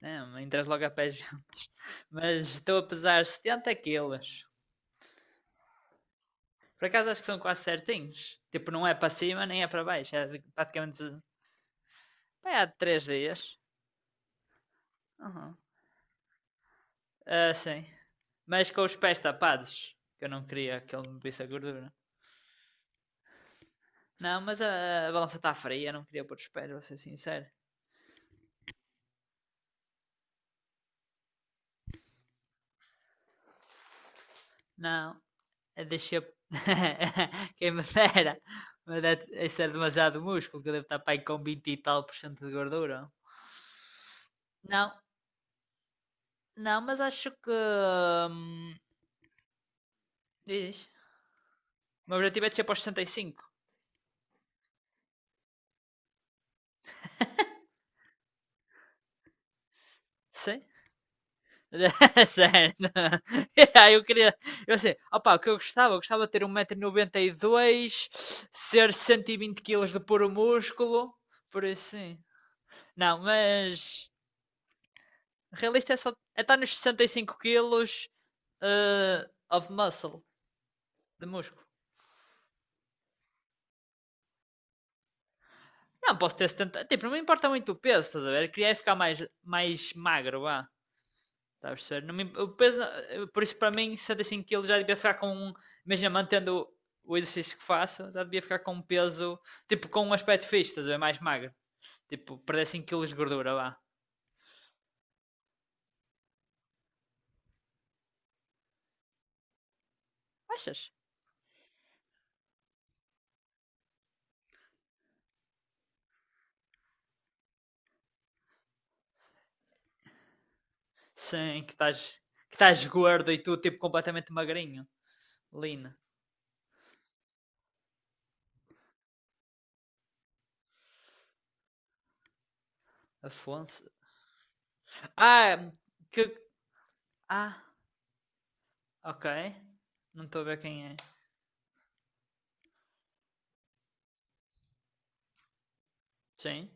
Não, entre as logopés juntos. Mas estou a pesar 70 quilos. Por acaso acho que são quase certinhos. Tipo, não é para cima nem é para baixo. É praticamente. Pá, há 3 dias. Uhum. Ah, sim. Mas com os pés tapados. Que eu não queria que ele me visse a gordura. Não, mas a balança está fria. Eu não queria pôr os pés, vou ser sincero. Não, deixa. Quem me dera. Mas é, isso é demasiado músculo. Que eu devo estar para aí com 20 e tal por cento de gordura. Não, não, mas acho que. hum, Diz. O meu objetivo é descer para os 65. Sim? Certo. Aí eu queria. Eu sei. Opa, o que eu gostava? Eu gostava de ter 1,92 m, ser 120 quilos de puro músculo. Por isso, sim. Não, mas. Realista é só. É estar nos 65 kg of muscle, de músculo. Não, posso ter 70. Tipo, não me importa muito o peso, estás a ver? Eu queria é ficar mais magro, vá. Está a perceber? Não me- O peso, por isso, para mim, 65 quilos já devia ficar com um. Imagina, mantendo o exercício que faço, já devia ficar com um peso. Tipo, com um aspecto fixe, estás a ver? Mais magro. Tipo, perder 5 quilos de gordura lá. Achas? Sim, que estás. Que estás gordo e tu, tipo, completamente magrinho. Lina. Afonso. Ah, que. Ah, ok. Não estou a ver quem é. Sim.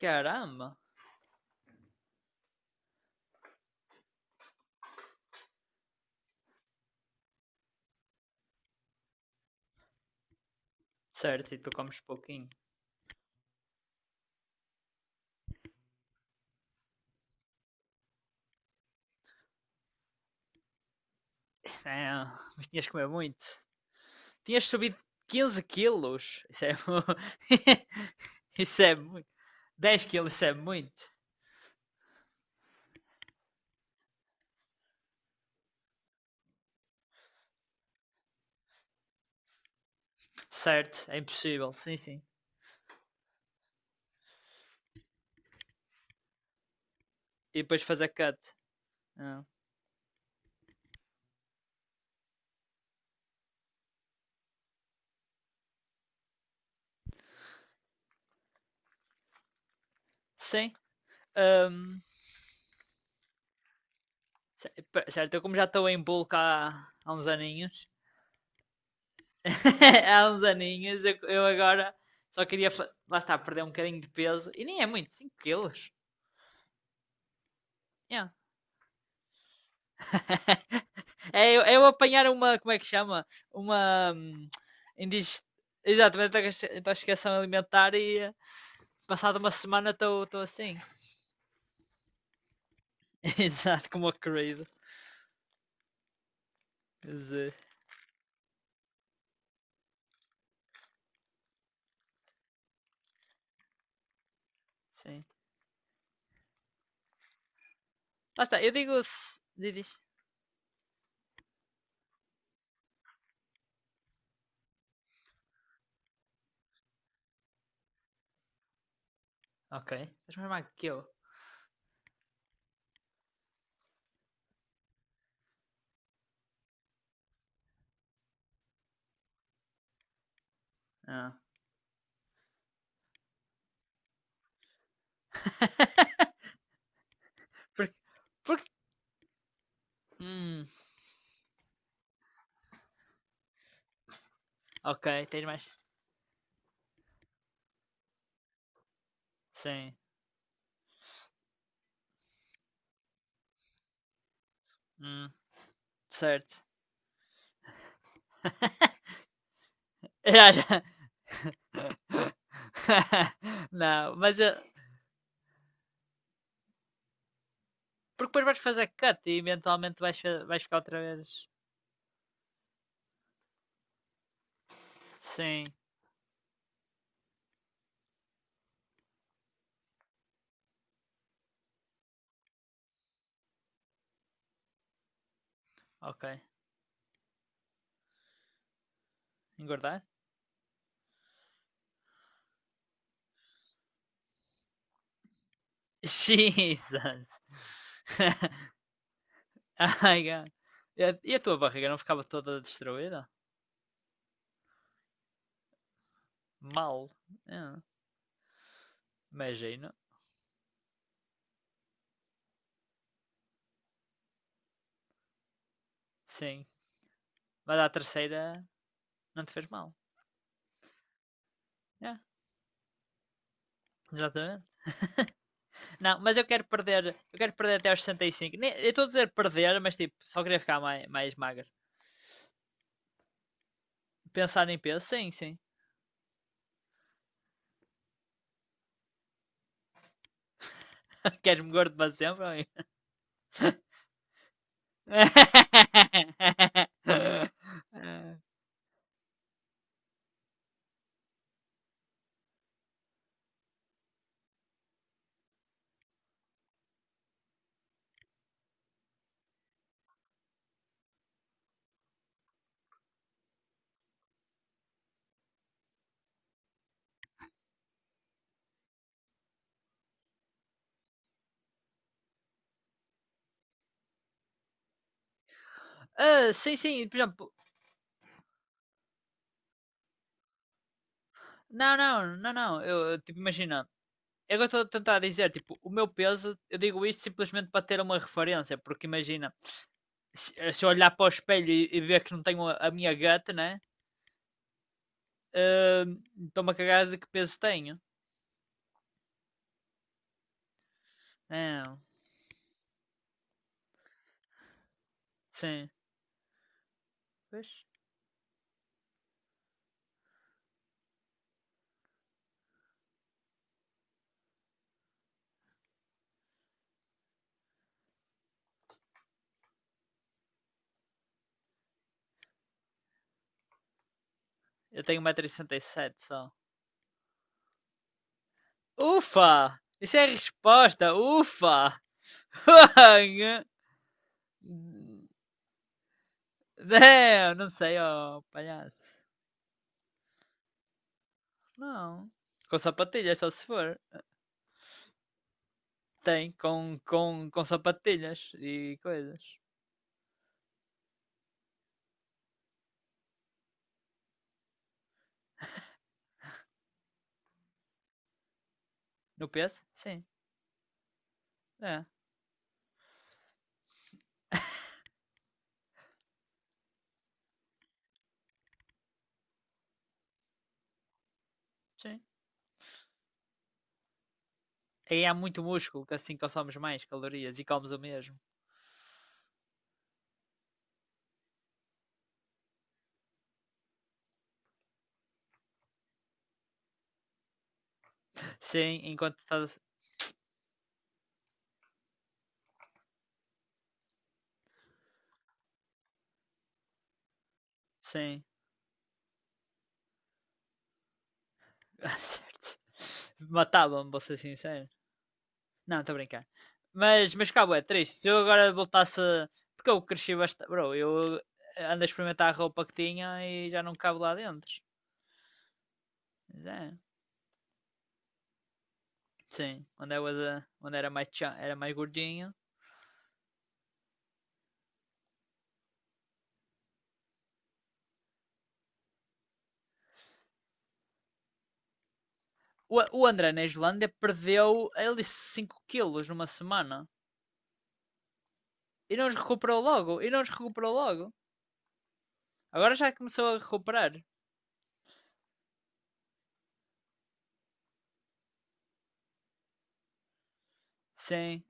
Caramba. Certo, e tu comes pouquinho. É, mas tinhas que comer muito. Tinhas subido 15 quilos. Isso é muito. Isso é muito. 10 quilos, isso é muito. Certo, é impossível. Sim, sim. E depois fazer cut. Ah, sim. Ahm, cer- certo, eu como já estou em bulk há uns aninhos. Há uns aninhos, eu agora só queria. Lá está, perder um bocadinho de peso. E nem é muito, 5 quilos. Yeah. É, eu, é eu apanhar uma, como é que chama? Uma hum, indig... Exatamente, intoxicação alimentar e passada uma semana estou assim. Exato, como o crazy. Mas, sim. Lá está, eu digo. Diz, diz. Ok. Tens mais magro que eu. Ah. por, por... Hum, ok, tens mais. Sim. Hum, Certo. Já, já. Não, mas porque depois vais fazer cut e eventualmente vais ficar outra vez. Sim, ok. Engordar? Jesus! Ai, God. E tua barriga não ficava toda destruída? Mal. É, imagino. Sim. Mas a terceira não te fez mal. É, exatamente. Não, mas eu quero perder. Eu quero perder até aos 65. Eu estou a dizer perder, mas tipo, só queria ficar mais magro. Pensar em peso? Sim, sim. Queres-me gordo para sempre? Ah, sim, sim, por exemplo, não, não, não, não, eu, tipo, imagina, eu estou a tentar dizer, tipo, o meu peso, eu digo isto simplesmente para ter uma referência, porque imagina, se eu olhar para o espelho e ver que não tenho a minha gata, né, ah, estou-me a cagar de que peso tenho, não, sim, pois, eu tenho 1,67 m só, ufa, isso é a resposta, ufa. É, eu não sei, ó, palhaço. Não. Com sapatilhas, só se for. Tem, com sapatilhas e coisas. No peso? Sim. É, sim. Aí há muito músculo, que assim consomos mais calorias e comes o mesmo. Sim, enquanto estás. Sim. Certo. Matava-me, vou ser sincero. Não, estou a brincar. Mas cabo, é triste. Se eu agora voltasse. Porque eu cresci bastante. Bro, eu ando a experimentar a roupa que tinha e já não cabo lá dentro. Mas é. Sim, onde, I was a- onde era, era mais gordinho. O André na Islândia perdeu, ele disse 5 quilos numa semana. E não os recuperou logo, e não os recuperou logo. Agora já começou a recuperar. Sim.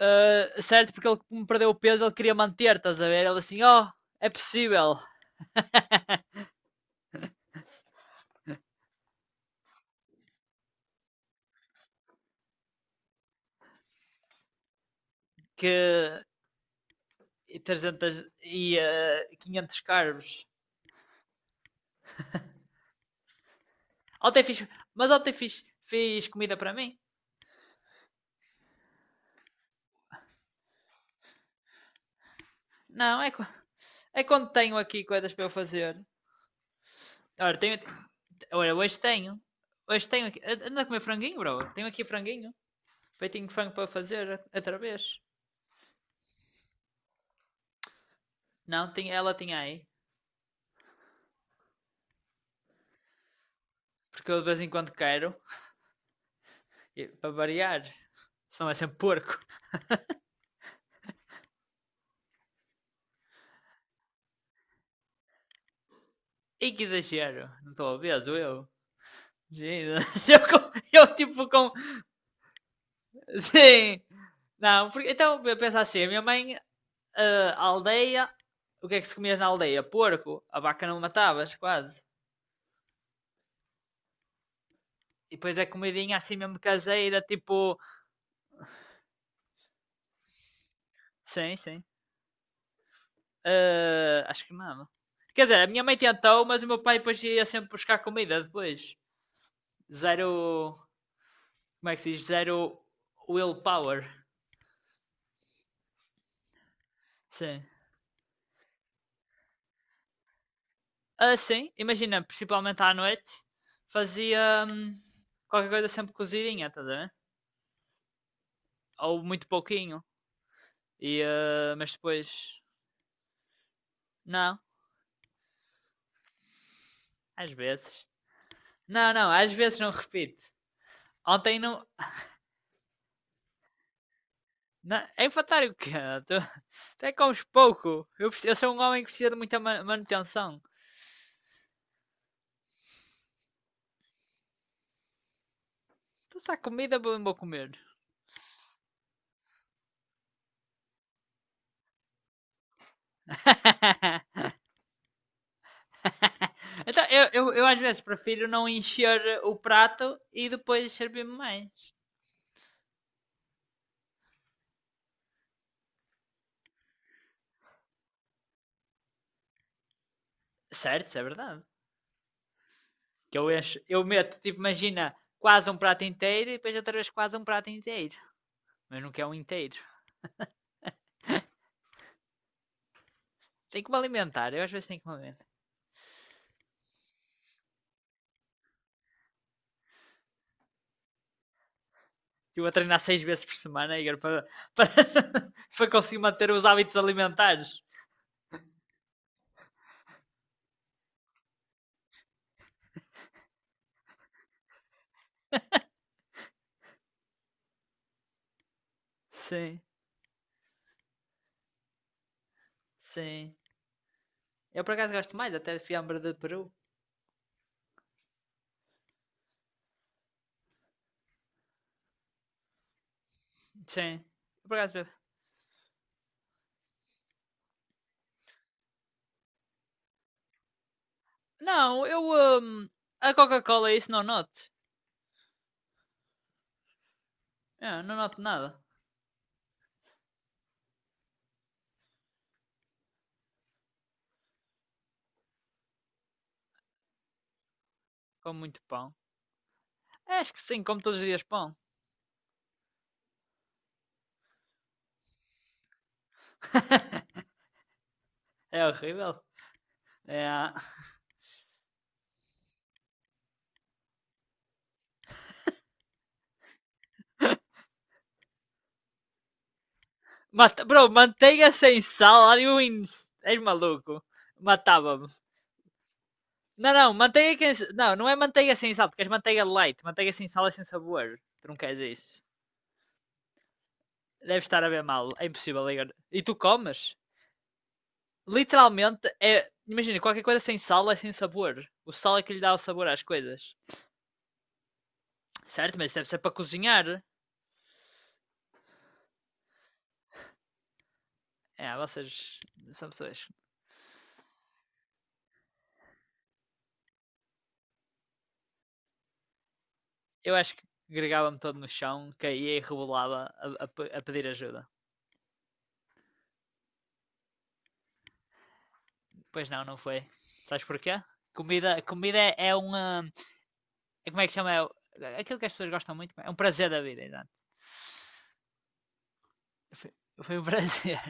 Ah, certo, porque ele como perdeu o peso, ele queria manter, estás a ver? Ele assim, oh, é possível. Que e 300 e 500 carbos. Ontem fiz, ontem fiz comida para mim. Não, é quando tenho aqui coisas para eu fazer. Ora, tenho, Olha, hoje tenho. Hoje tenho aqui. Anda a comer franguinho, bro. Tenho aqui franguinho. Feitinho de frango para fazer outra vez. Não, ela tinha aí. Porque eu de vez em quando quero. Para variar. Senão é sempre porco. E que exagero. Não estou obeso, eu. Jesus. Eu tipo com. Sim. Não, porque, então eu penso assim. A minha mãe, a aldeia. O que é que se comias na aldeia? Porco. A vaca não matavas, quase. E depois é comidinha assim mesmo caseira, tipo. Sim, sim. Ah, acho que não. Quer dizer, a minha mãe tentou, mas o meu pai depois ia sempre buscar comida depois. Zero. Como é que se diz? Zero willpower. Sim. Ah, sim, imagina, principalmente à noite, fazia qualquer coisa sempre cozidinha, estás a ver? Ou muito pouquinho. E, mas depois. Não, às vezes. Não, não, às vezes não repito. Ontem não. Não é infantário o quê? Até comes pouco. Eu sou um homem que precisa de muita manutenção. Então, se há comida, eu vou comer. Então, eu às vezes prefiro não encher o prato e depois servir-me mais. Certo, isso é verdade. Que eu encho, eu meto, tipo, imagina, quase um prato inteiro e depois outra vez quase um prato inteiro. Mas não quer um inteiro. Tem que me alimentar, eu às vezes tenho que me alimentar. Eu vou treinar 6 vezes por semana, Igor, para, para conseguir manter os hábitos alimentares. Sim, sim. Eu por acaso gosto mais até de fiambre de peru. Sim. Eu por acaso bebo. Não, eu. hum, a Coca-Cola, é isso não noto. É, não noto nada. Como muito pão. É, acho que sim, como todos os dias pão. É horrível. É. Mata... Bro, manteiga sem sal, are you in... És maluco. Matava-me. Não, não, manteiga que... Não, não é manteiga sem sal, tu queres manteiga light. Manteiga sem sal é sem sabor. Tu não queres isso. Deve estar a ver mal. É impossível, Igor. E tu comes? Literalmente, Imagina, qualquer coisa sem sal é sem sabor. O sal é que lhe dá o sabor às coisas. Certo, mas deve ser para cozinhar. É, vocês são pessoas. Eu acho que gregava-me todo no chão, caía e rebolava a, a a pedir ajuda. Pois não, não foi. Sabes porquê? Comida é uma. É como é que chama? É, aquilo que as pessoas gostam muito. É um prazer da vida, exato. Foi, foi um prazer.